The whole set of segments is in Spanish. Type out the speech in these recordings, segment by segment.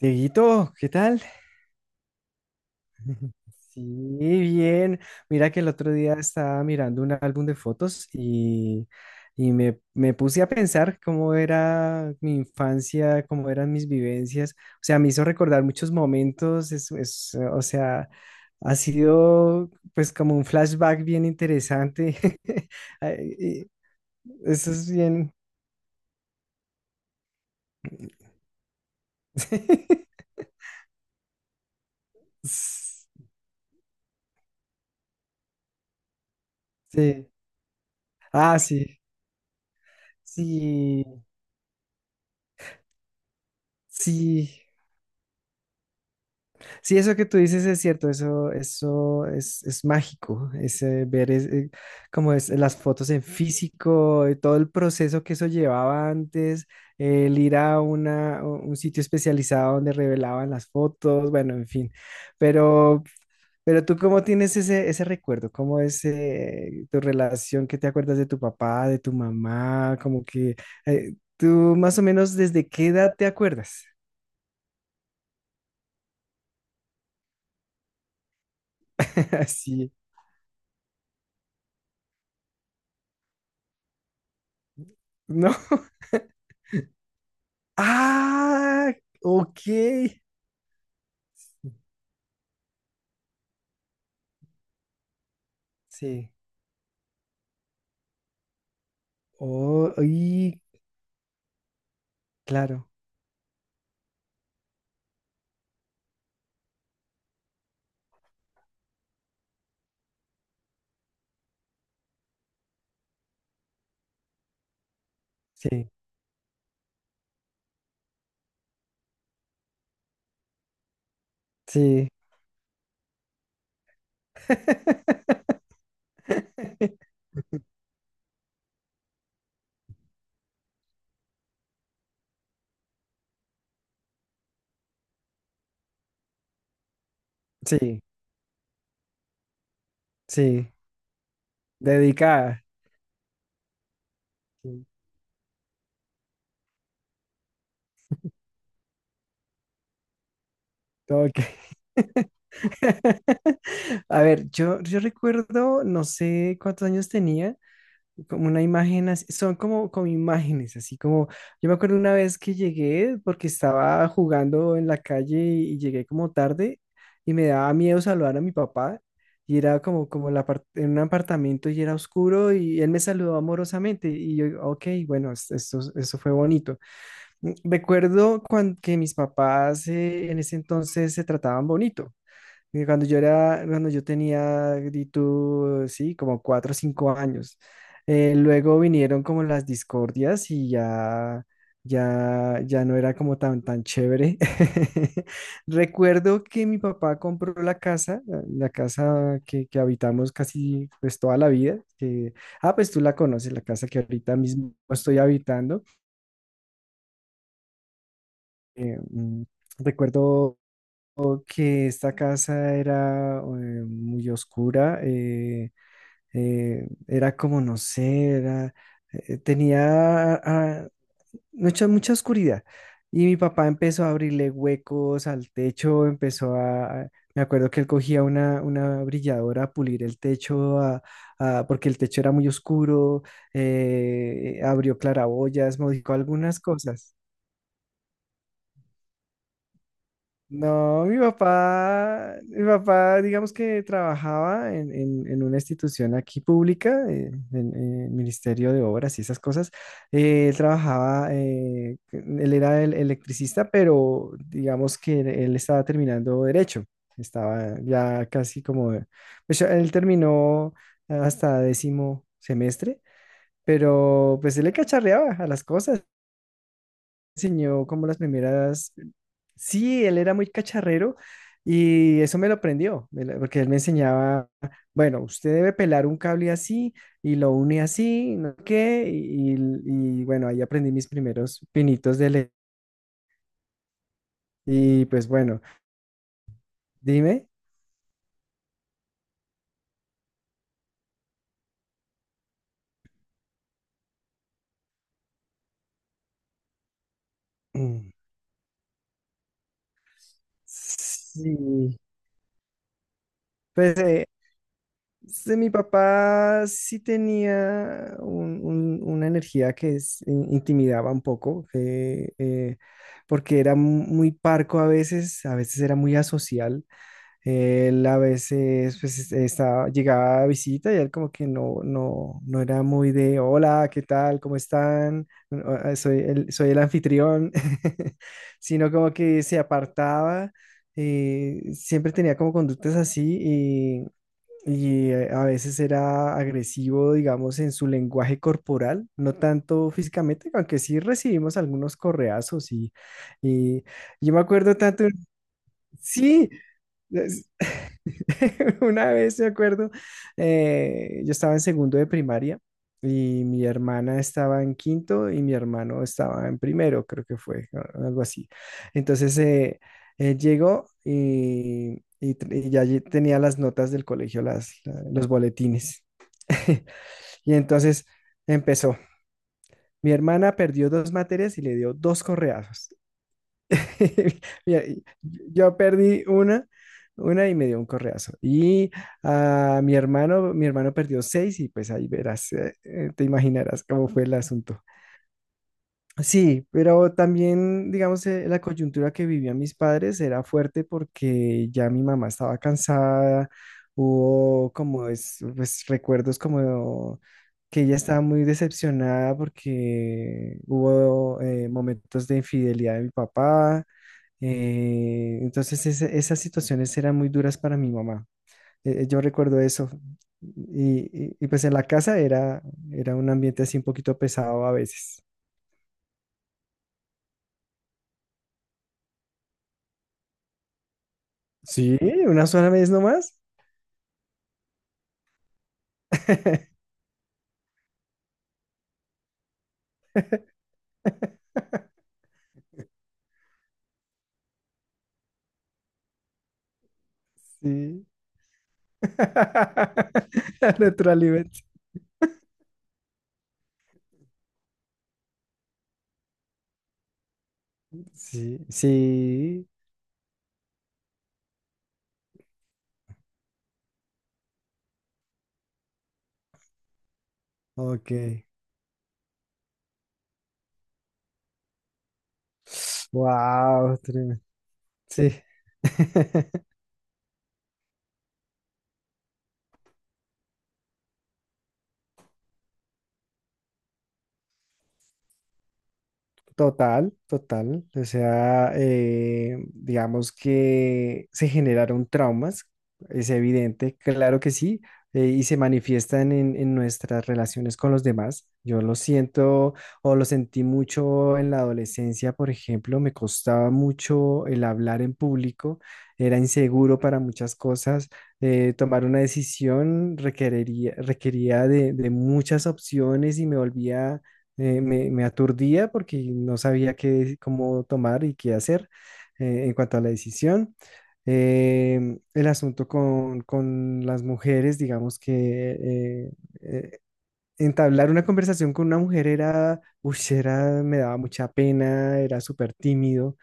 Dieguito, ¿qué tal? Sí, bien. Mira que el otro día estaba mirando un álbum de fotos y me puse a pensar cómo era mi infancia, cómo eran mis vivencias. O sea, me hizo recordar muchos momentos. O sea, ha sido pues como un flashback bien interesante. Ay, y Eso es bien. Sí. Ah, sí. Sí, sí. Sí, eso que tú dices es cierto, eso, eso es mágico, es como es, las fotos en físico, todo el proceso que eso llevaba antes, el ir a un sitio especializado donde revelaban las fotos, bueno, en fin. Pero, pero tú, ¿cómo tienes ese, ese recuerdo? ¿Cómo es tu relación? ¿Qué te acuerdas de tu papá, de tu mamá? Como que tú más o menos ¿desde qué edad te acuerdas? Así. ¿No? Ah, ok. Sí. Oh, y claro. Sí, sí. Sí, sí. Dedicada. Sí. Ok. A ver, yo recuerdo, no sé cuántos años tenía. Como una imagen, así- son como, como imágenes, así como, yo me acuerdo una vez que llegué porque estaba jugando en la calle y llegué como tarde y me daba miedo saludar a mi papá y era como, como el en un apartamento y era oscuro y él me saludó amorosamente y yo, ok, bueno, esto, eso fue bonito. Mm, recuerdo cuando, que mis papás en ese entonces se trataban bonito. Que cuando yo era, cuando yo tenía, di tú, sí, como cuatro o cinco años. Luego vinieron como las discordias y ya, ya no era como tan, tan chévere. Recuerdo que mi papá compró la casa, la casa que habitamos casi pues toda la vida. Que, ah, pues tú la conoces, la casa que ahorita mismo estoy habitando. Eh, mm, recuerdo que esta casa era muy oscura, era como, no sé, era, tenía mucha, mucha oscuridad. Y mi papá empezó a abrirle huecos al techo, me acuerdo que él cogía una brilladora a pulir el techo, porque el techo era muy oscuro, abrió claraboyas, modificó algunas cosas. No, mi papá, digamos que trabajaba en una institución aquí pública, en el Ministerio de Obras y esas cosas. Él trabajaba, él era el electricista, pero digamos que él estaba terminando derecho. Estaba ya casi como, pues ya él terminó hasta décimo semestre, pero pues él le cacharreaba a las cosas, enseñó como las primeras. Sí, él era muy cacharrero y eso me lo aprendió, porque él me enseñaba, bueno, usted debe pelar un cable así y lo une así, no sé qué, y bueno, ahí aprendí mis primeros pinitos de Y pues bueno, dime. Mm. Sí, pues sí, mi papá sí tenía una energía que intimidaba un poco, porque era muy parco a veces era muy asocial. Él a veces pues, estaba, llegaba a visita y él como que no, no, no era muy de, hola, ¿qué tal? ¿Cómo están? Bueno, ah, ah, soy el, soy el anfitrión, sino como que se apartaba. Siempre tenía como conductas así y a veces era agresivo, digamos, en su lenguaje corporal, no tanto físicamente, aunque sí recibimos algunos correazos y yo me acuerdo tanto, sí, una vez, me acuerdo, yo estaba en segundo de primaria y mi hermana estaba en quinto y mi hermano estaba en primero, creo que fue, algo así. Entonces, él llegó y ya allí tenía las notas del colegio, los boletines. Y entonces empezó. Mi hermana perdió dos materias y le dio dos correazos. Mira, yo perdí una y me dio un correazo. Y a mi hermano perdió seis y pues ahí verás, te imaginarás cómo fue el asunto. Sí, pero también, digamos, la coyuntura que vivían mis padres era fuerte porque ya mi mamá estaba cansada, hubo pues, recuerdos como que ella estaba muy decepcionada porque hubo momentos de infidelidad de mi papá, entonces esas situaciones eran muy duras para mi mamá. Yo recuerdo eso. Y pues en la casa era, era un ambiente así un poquito pesado a veces. Sí, una sola vez nomás. Sí. Retroalimento. Sí, sí. Ok. Wow, tremendo. Sí. Total, total. O sea, digamos que se generaron traumas, es evidente, claro que sí, y se manifiestan en nuestras relaciones con los demás. Yo lo siento o lo sentí mucho en la adolescencia, por ejemplo, me costaba mucho el hablar en público, era inseguro para muchas cosas. Tomar una decisión requería de muchas opciones y me volvía me aturdía porque no sabía qué, cómo tomar y qué hacer en cuanto a la decisión. El asunto con las mujeres, digamos que eh, eh, entablar una conversación con una mujer era, uy, era, me daba mucha pena, era súper tímido.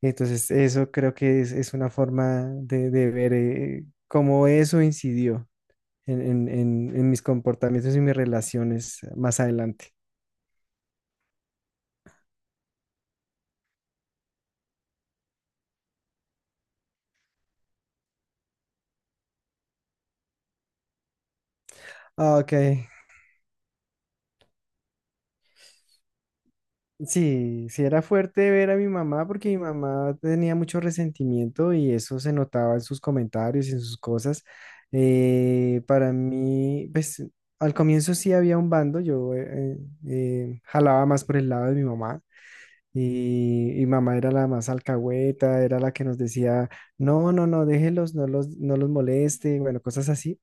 Entonces, eso creo que es una forma de ver cómo eso incidió en mis comportamientos y mis relaciones más adelante. Ah, ok. Sí, sí era fuerte ver a mi mamá porque mi mamá tenía mucho resentimiento y eso se notaba en sus comentarios y en sus cosas. Para mí, pues al comienzo sí había un bando, yo jalaba más por el lado de mi mamá y mamá era la más alcahueta, era la que nos decía, no, no, no, déjelos, no los moleste, bueno, cosas así.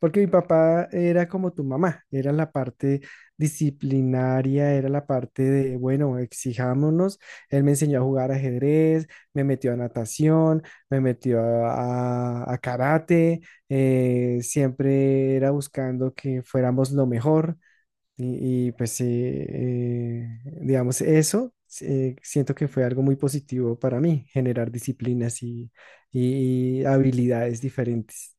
Porque mi papá era como tu mamá, era la parte disciplinaria, era la parte de, bueno, exijámonos. Él me enseñó a jugar ajedrez, me metió a natación, me metió a karate, siempre era buscando que fuéramos lo mejor. Pues, digamos, eso siento que fue algo muy positivo para mí, generar disciplinas y habilidades diferentes.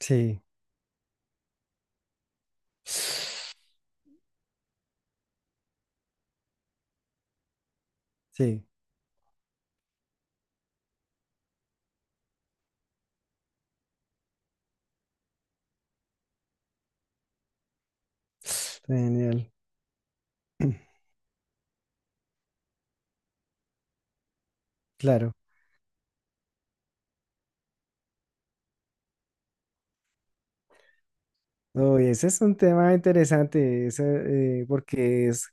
Sí. Sí, genial. Claro. Uy, ese es un tema interesante, ese, porque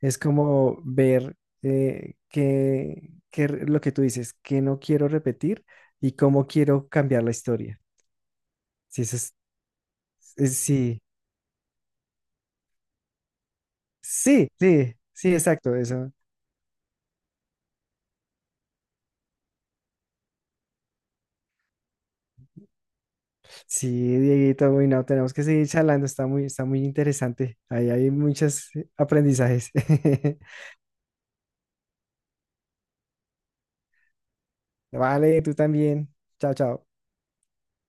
es como ver qué, lo que tú dices, que no quiero repetir y cómo quiero cambiar la historia. Sí, sí, sí, sí, sí, exacto, eso. Sí, Dieguito, uy, no, tenemos que seguir charlando, está muy interesante. Ahí hay muchos aprendizajes. Vale, tú también. Chao, chao.